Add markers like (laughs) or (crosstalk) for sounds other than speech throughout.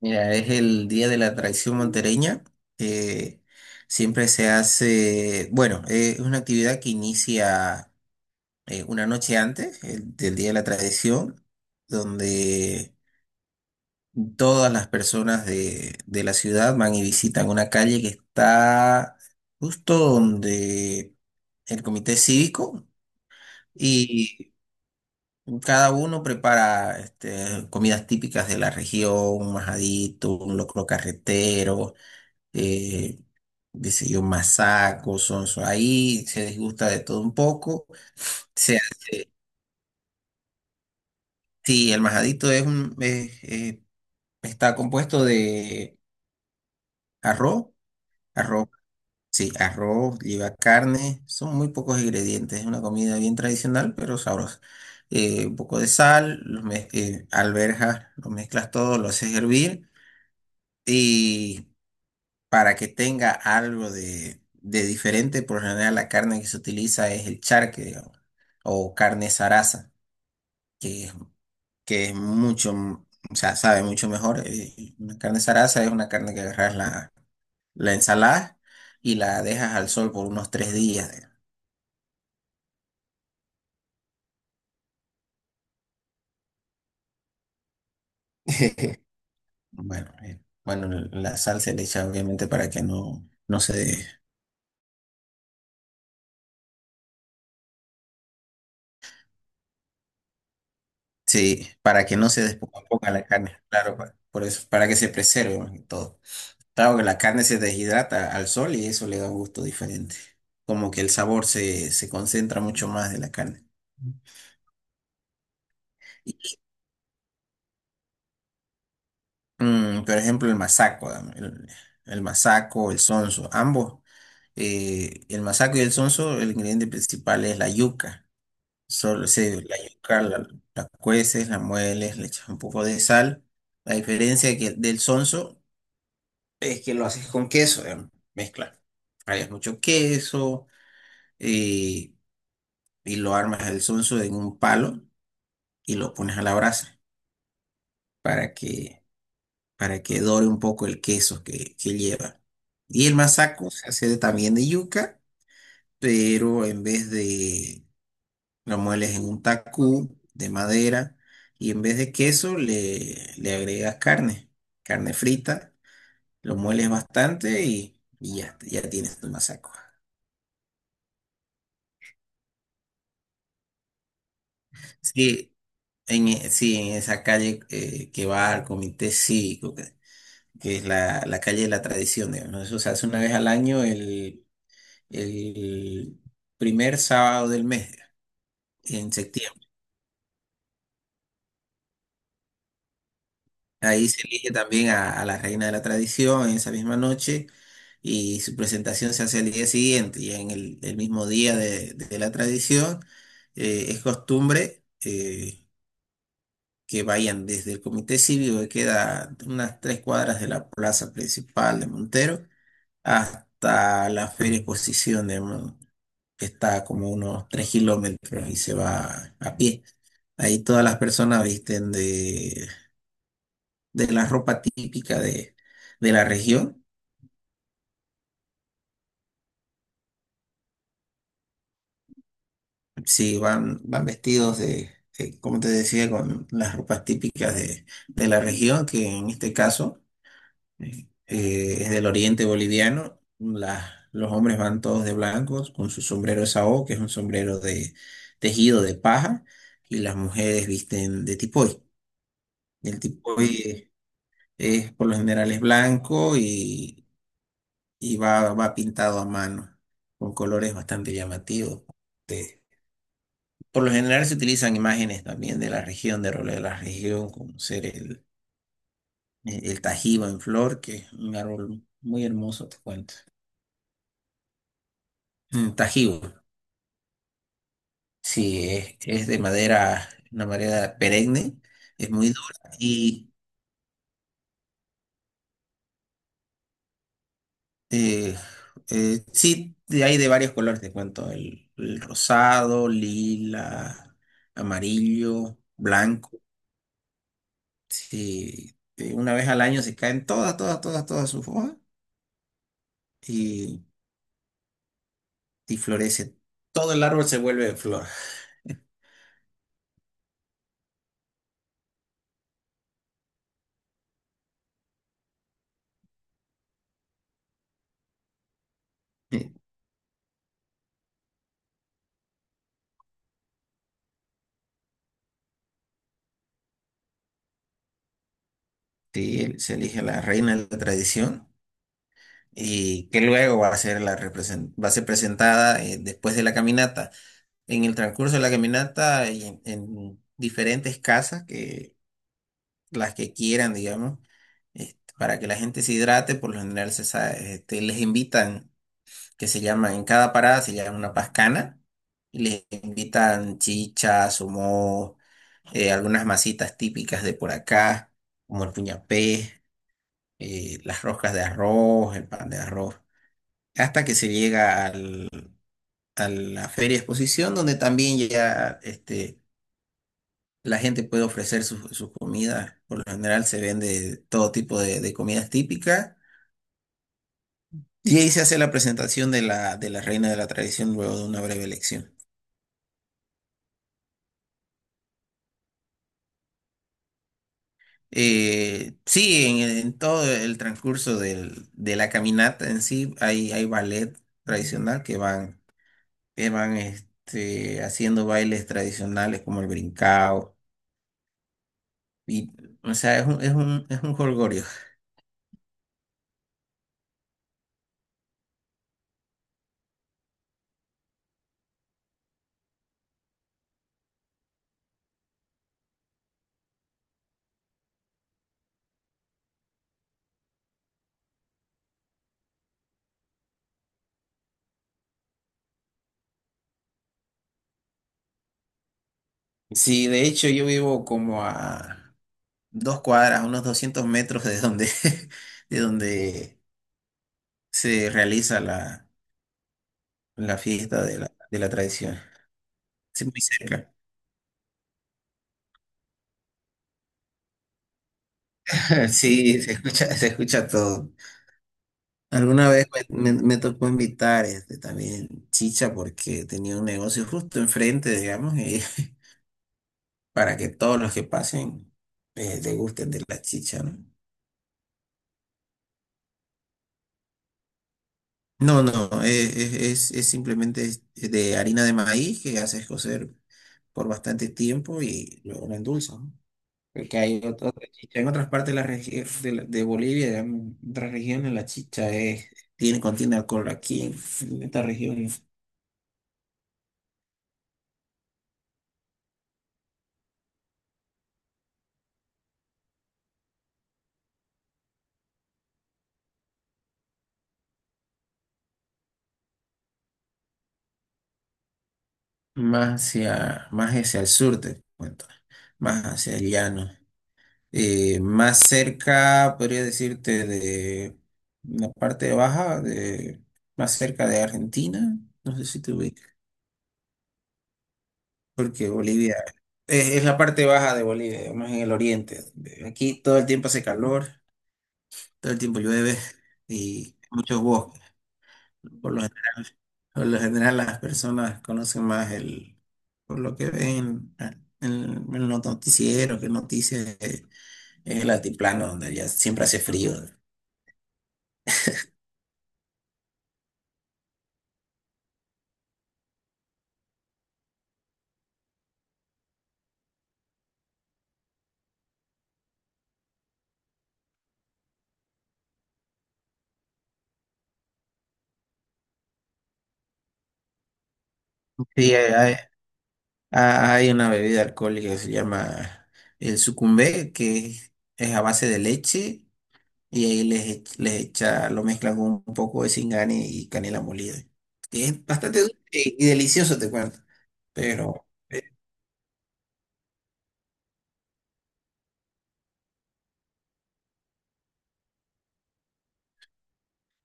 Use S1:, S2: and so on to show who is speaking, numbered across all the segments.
S1: Mira, es el Día de la Tradición Montereña. eh, Siempre se hace, bueno, es una actividad que inicia una noche antes del Día de la Tradición, donde todas las personas de la ciudad van y visitan una calle que está justo donde el Comité Cívico. Y cada uno prepara este, comidas típicas de la región, un majadito, un locro carretero, eh, qué sé yo, masaco, sonso. Ahí se disgusta de todo un poco. Se hace, sí, el majadito es un, está compuesto de arroz, arroz, sí, arroz, lleva carne, son muy pocos ingredientes. Es una comida bien tradicional, pero sabrosa. Un poco de sal, alberjas, lo mezclas todo, lo haces hervir, para que tenga algo de diferente. Por lo general la carne que se utiliza es el charque, digamos, o carne zaraza, que, es- que es mucho, o sea, sabe mucho mejor. Una carne zaraza es una carne que agarras la, la ensalada y la dejas al sol por unos 3 días, digamos. (laughs) Bueno, bueno, la sal se le echa obviamente para que no se... Sí, para que no se descomponga la carne, claro, por eso, para que se preserve más que todo. Claro que la carne se deshidrata al sol y eso le da un gusto diferente. Como que el sabor se, se concentra mucho más de la carne. Y, por ejemplo, el masaco, dame, el masaco, el sonso, ambos. El masaco y el sonso, el ingrediente principal es la yuca. Solo se, la yuca la, la cueces, la mueles, le echas un poco de sal. La diferencia del sonso es que lo haces con queso, digamos, mezcla. Hay mucho queso. eh, y lo armas el sonso en un palo y lo pones a la brasa para que, para que dore un poco el queso que lleva. Y el masaco se hace también de yuca, pero en vez de... lo mueles en un tacú de madera y en vez de queso le, le agregas carne, carne frita, lo mueles bastante y ya, ya tienes tu masaco. Sí, en, sí, en esa calle que va al Comité Cívico, que es la, la calle de la tradición, digamos, ¿no? Eso se hace una vez al año, el primer sábado del mes, en septiembre. Ahí se elige también a la reina de la tradición en esa misma noche y su presentación se hace el día siguiente, y en el mismo día de la tradición es costumbre que vayan desde el Comité Cívico, que queda unas 3 cuadras de la plaza principal de Montero, hasta la Feria Exposición que está como unos 3 kilómetros, y se va a pie. Ahí todas las personas visten de la ropa típica de la región. Sí, van, van vestidos de, como te decía, con las ropas típicas de la región, que en este caso Eh, es del oriente boliviano. La- los hombres van todos de blancos con su sombrero de sao, que es un sombrero de tejido de paja, y las mujeres visten de tipoy. El tipoy es, por lo general es blanco y va, va pintado a mano, con colores bastante llamativos. Te- por lo general se utilizan imágenes también de la región, de roles de la región, como ser el tajiba en flor, que es un árbol muy hermoso, te cuento. Tajibo. Sí, es de madera, una madera perenne, es muy dura y eh, sí, hay de varios colores, te cuento, el rosado, lila, amarillo, blanco. Sí, una vez al año se caen todas, todas, todas, todas sus hojas y, y florece. Todo el árbol se vuelve de flor. Sí, sí, se elige la reina de la tradición, y que luego va a ser la va a ser presentada después de la caminata, en el transcurso de la caminata, y en diferentes casas, que las que quieran, digamos, este, para que la gente se hidrate. Por lo general este, les invitan, que se llama, en cada parada se llama una pascana, y les invitan chichas, humo, algunas masitas típicas de por acá, como el puñapé, las roscas de arroz, el pan de arroz, hasta que se llega a la feria exposición, donde también ya este, la gente puede ofrecer su, su comida. Por lo general se vende todo tipo de comidas típicas. Y ahí se hace la presentación de la reina de la tradición luego de una breve elección. Sí, en todo el transcurso de la caminata en sí hay ballet tradicional que van este, haciendo bailes tradicionales como el brincao. Y, o sea, es un, es un, es un jolgorio. Sí, de hecho yo vivo como a 2 cuadras, unos 200 metros de donde, (laughs) de donde se realiza la, la fiesta de la tradición. Sí, muy cerca. (laughs) Sí, se escucha todo. Alguna vez me, me tocó invitar este, también chicha porque tenía un negocio justo enfrente, digamos, y (laughs) para que todos los que pasen le gusten de la chicha, ¿no? No, no, eh, es, es simplemente es de harina de maíz que haces cocer por bastante tiempo y luego la endulzas, ¿no? Porque hay otra chicha en otras partes de, de, de Bolivia, en otras regiones, la chicha es, tiene, contiene alcohol. Aquí en esta región, más hacia el sur, te cuento, más hacia el llano. Más cerca, podría decirte, de la parte baja, de, más cerca de Argentina, no sé si te ubicas, porque Bolivia es la parte baja de Bolivia, más en el oriente. Aquí todo el tiempo hace calor, todo el tiempo llueve y muchos bosques. ¿No? Por lo general las personas conocen más el, por lo que ven ah, en los noticieros, que noticias es el altiplano donde ya siempre hace frío. Sí, ah, hay una bebida alcohólica que se llama el sucumbé, que es a base de leche, y ahí les, les echa, lo mezclan con un poco de cingani y canela molida. Que es bastante dulce y delicioso, te cuento. Pero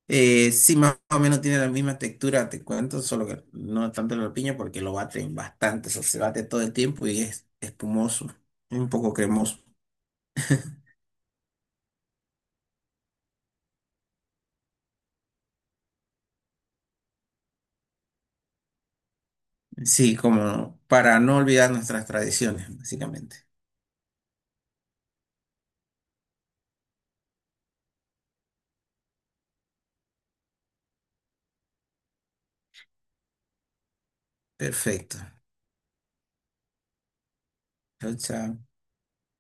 S1: sí, más o menos tiene la misma textura, te cuento, solo que no tanto la piña porque lo baten bastante, o sea, se bate todo el tiempo y es espumoso, es un poco cremoso. Sí, como para no olvidar nuestras tradiciones, básicamente. Perfecto. Chao, chao.